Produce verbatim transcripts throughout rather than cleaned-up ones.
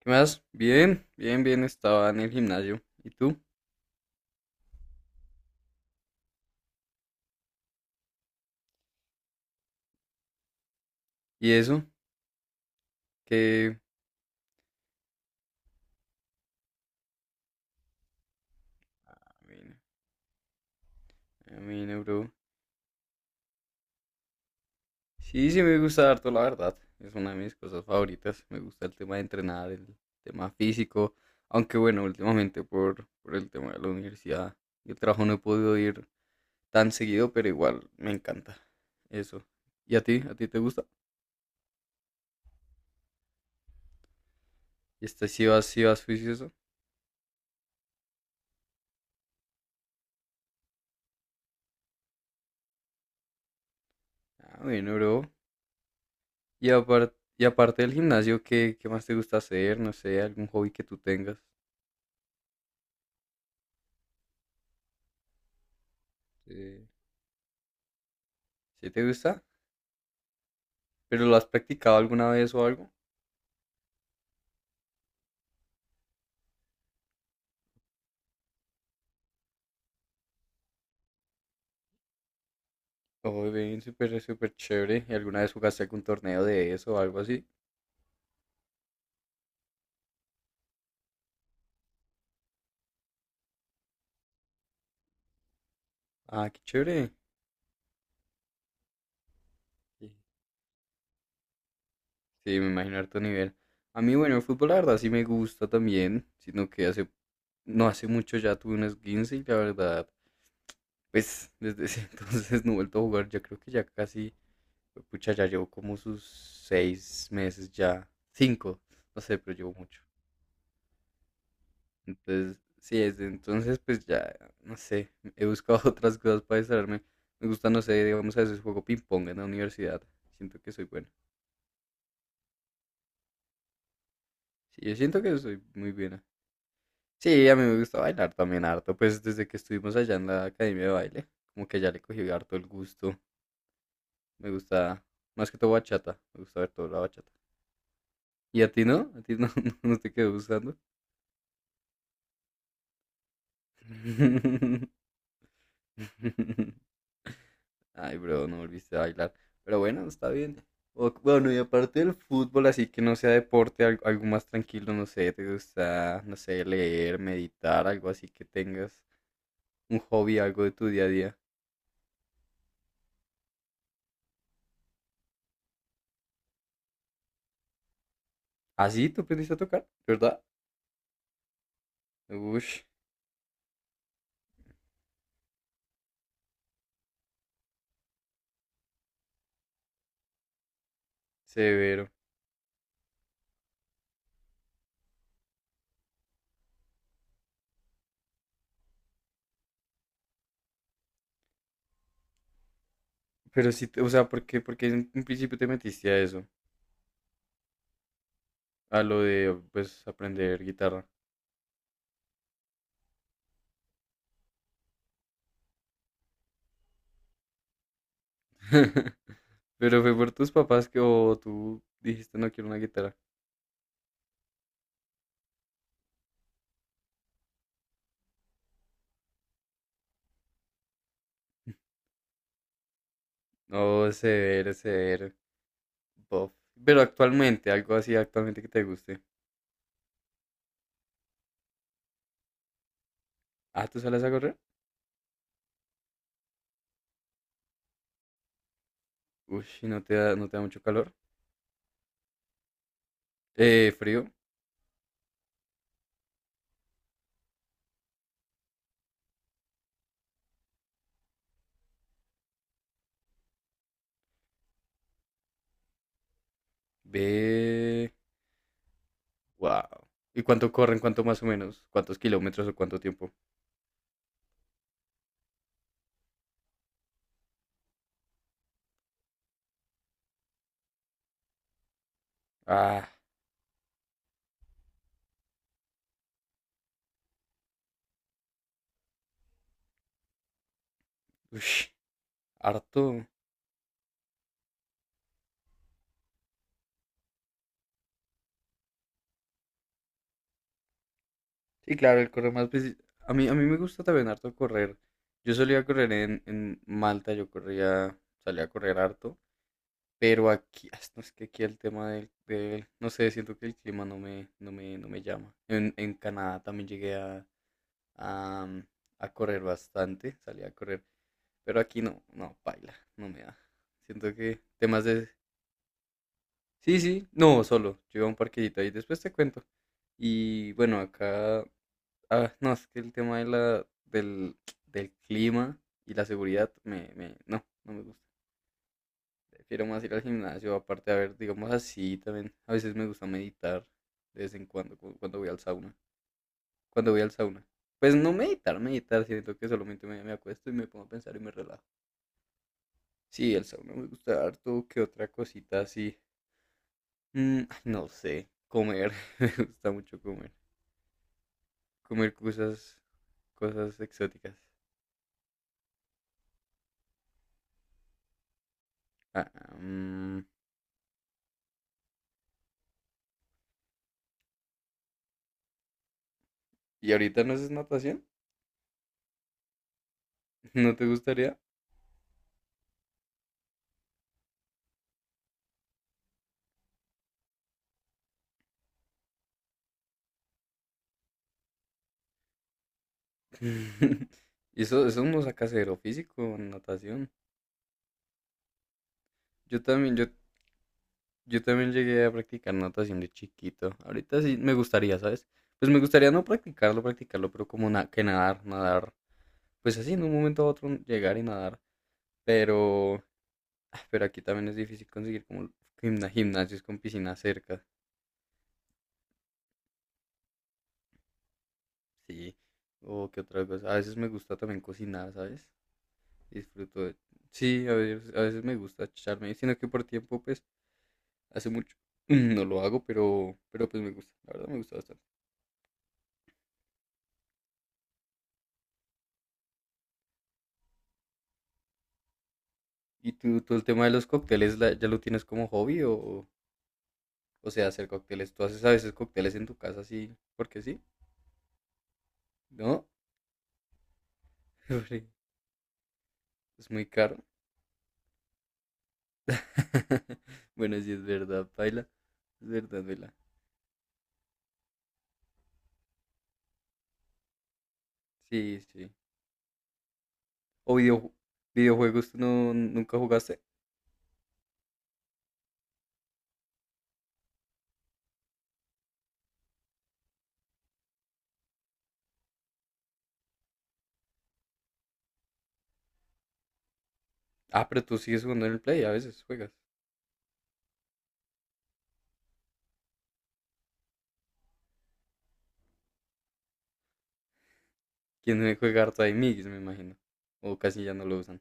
¿Qué más? Bien, bien, bien, estaba en el gimnasio. ¿Y tú? ¿Y eso? Que... A mí, a mí, no, bro. Sí, sí me gusta harto, la verdad. Es una de mis cosas favoritas. Me gusta el tema de entrenar, el tema físico. Aunque bueno, últimamente por, por el tema de la universidad y el trabajo no he podido ir tan seguido, pero igual me encanta eso. ¿Y a ti? ¿A ti te gusta? ¿Y este sí vas, sí vas juicioso? Ah, bueno, bro. Y aparte, y aparte del gimnasio, ¿qué, qué más te gusta hacer? No sé, algún hobby que tú tengas. Eh, ¿Sí te gusta? ¿Pero lo has practicado alguna vez o algo? Oh, bien, súper, súper chévere. ¿Y alguna vez jugaste algún torneo de eso o algo así? Ah, qué chévere. Sí, sí, me imagino harto nivel. A mí, bueno, el fútbol, la verdad, sí me gusta también, sino que hace, no hace mucho ya tuve un esguince y la verdad, pues desde ese entonces no he vuelto a jugar. Ya creo que ya casi. Pucha, ya llevo como sus seis meses ya, cinco, no sé, pero llevo mucho. Entonces, sí, desde entonces, pues ya, no sé, he buscado otras cosas para distraerme. Me gusta, no sé, digamos, a veces juego ping-pong en la universidad. Siento que soy bueno. Sí, yo siento que soy muy buena. Sí, a mí me gusta bailar también harto, pues desde que estuvimos allá en la academia de baile, como que ya le cogí harto el gusto. Me gusta, más que todo bachata, me gusta ver toda la bachata. ¿Y a ti no? ¿A ti no, no te quedó gustando? Ay, bro, no volviste a bailar. Pero bueno, está bien. O- Bueno, y aparte del fútbol, así que no sea deporte, al- algo, más tranquilo, no sé, te gusta, no sé, leer, meditar, algo así que tengas un hobby, algo de tu día a día. Así tú aprendiste a tocar, ¿verdad? Ush, severo. Pero sí, te- o sea, ¿por qué, por qué en en principio te metiste a eso? A lo de, pues, aprender guitarra. Pero fue por tus papás que o tú dijiste no quiero una guitarra. No, severo, severo. Buff. Pero actualmente, algo así actualmente que te guste. Ah, ¿tú sales a correr? Uy, ¿y no te da, no te da mucho calor? Eh, frío. Ve. Wow. ¿Y cuánto corren? ¿Cuánto más o menos? ¿Cuántos kilómetros o cuánto tiempo? Ah, uy, harto. Sí, claro, el correr más. preci- A mí, a mí me gusta también harto correr. Yo solía correr en, en Malta, yo corría, salía a correr harto. Pero aquí, ah, no, es que aquí el tema del, del- no sé, siento que el clima no me, no me, no me llama. En, en Canadá también llegué a, a, mm, a correr bastante, salí a correr, pero aquí no, no, paila no me da. Siento que temas de, sí, sí, no, solo, yo iba a un parquecito ahí, después te cuento. Y bueno, acá, ah, no, es que el tema de la, del, del clima y la seguridad, me, me, no, no me gusta. Prefiero más ir al gimnasio, aparte, a ver, digamos así también. A veces me gusta meditar de vez en cuando, cu- cuando voy al sauna. Cuando voy al sauna. Pues no meditar, meditar, siento que solamente me, me acuesto y me pongo a pensar y me relajo. Sí, el sauna me gusta harto, que otra cosita así. Mm, ay, no sé, comer, me gusta mucho comer. Comer cosas, cosas exóticas. Ah, mm. ¿Y ahorita no haces natación? ¿No te gustaría? Eso, eso no saca cero físico, natación. Yo también, yo, yo también llegué a practicar natación de chiquito. Ahorita sí me gustaría, ¿sabes? Pues me gustaría no practicarlo, practicarlo, pero como na- que nadar, nadar. Pues así, en un momento a otro llegar y nadar. Pero, ah, pero aquí también es difícil conseguir como gimna- gimnasios con piscina cerca. Sí. O qué otra cosa. A veces me gusta también cocinar, ¿sabes? Disfruto de... Sí, a veces, a veces me gusta echarme, sino que por tiempo, pues, hace mucho no lo hago, pero, pero pues me gusta. La verdad me gusta bastante. ¿Y tú, tú el tema de los cócteles la- ya lo tienes como hobby o, o sea, hacer cócteles? ¿Tú haces a veces cócteles en tu casa así? Porque sí, ¿no? Porque Es muy caro. Bueno, sí es verdad, paila. Es verdad, vela. Sí, sí. ¿O video- videojuegos tú no, nunca jugaste? Ah, pero tú sigues jugando en el Play, a veces juegas. ¿Quién me juega debe jugar Time me imagino? O casi ya no lo usan.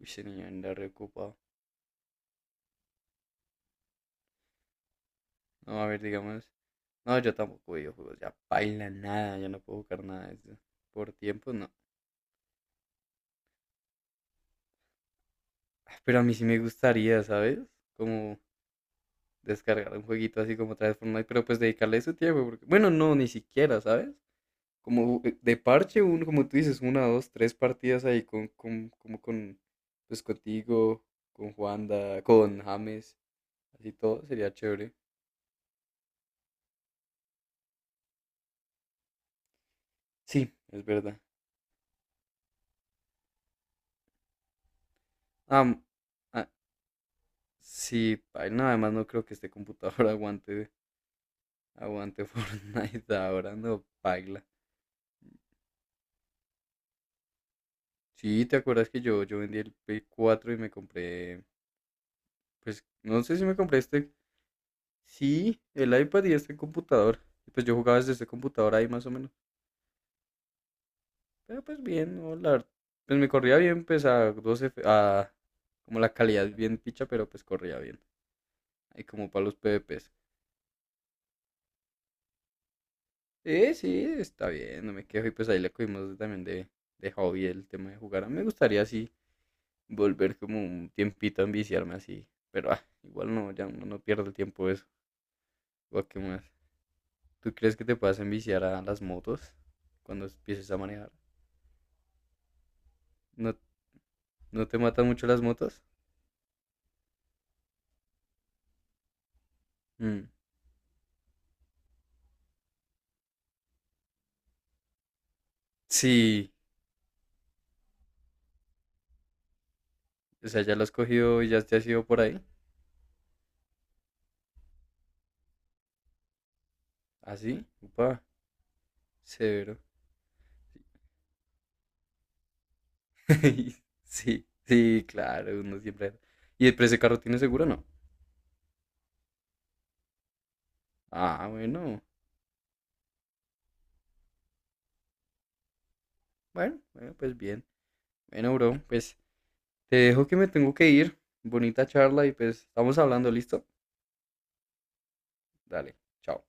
Uy, ese niño anda reocupado. No, a ver, digamos. No, yo tampoco videojuegos, ya baila nada, ya no puedo jugar nada de eso. Por tiempo, no. Ah, pero a mí sí me gustaría, ¿sabes? Como descargar un jueguito así como otra vez Fortnite, pero pues dedicarle su tiempo. Porque... Bueno, no, ni siquiera, ¿sabes? Como eh, de parche, uno, como tú dices, una, dos, tres partidas ahí con, con, como con, pues contigo, con Juanda, con James, así todo, sería chévere. Sí, es verdad. Am- ah, sí, ay, no, además no creo que este computador aguante. Aguante Fortnite ahora, no paila. Sí, ¿te acuerdas que yo, yo vendí el Play cuatro y me compré, pues no sé si me compré este, sí, el iPad y este computador. Y pues yo jugaba desde este computador ahí más o menos. Pero pues bien, no, la ver- pues me corría bien, pues a doce, f- a como la calidad es bien picha, pero pues corría bien. Ahí como para los PvPs. Sí, sí, está bien, no me quejo. Y pues ahí le cogimos también de, de hobby el tema de jugar. A mí me gustaría así volver como un tiempito a enviciarme así. Pero ah, igual no, ya uno no pierde el tiempo eso. ¿O qué más? ¿Tú crees que te puedas enviciar a las motos cuando empieces a manejar? ¿No, no te matan mucho las motos? Mm, sí, o sea, ya lo has cogido y ya te has ido por ahí. ¿Así? Upa, severo. Sí, sí, claro, uno siempre. ¿Y el precio de carro tiene seguro o no? Ah, bueno, bueno, bueno, pues bien. Bueno, bro, pues te dejo que me tengo que ir. Bonita charla y pues estamos hablando, ¿listo? Dale, chao.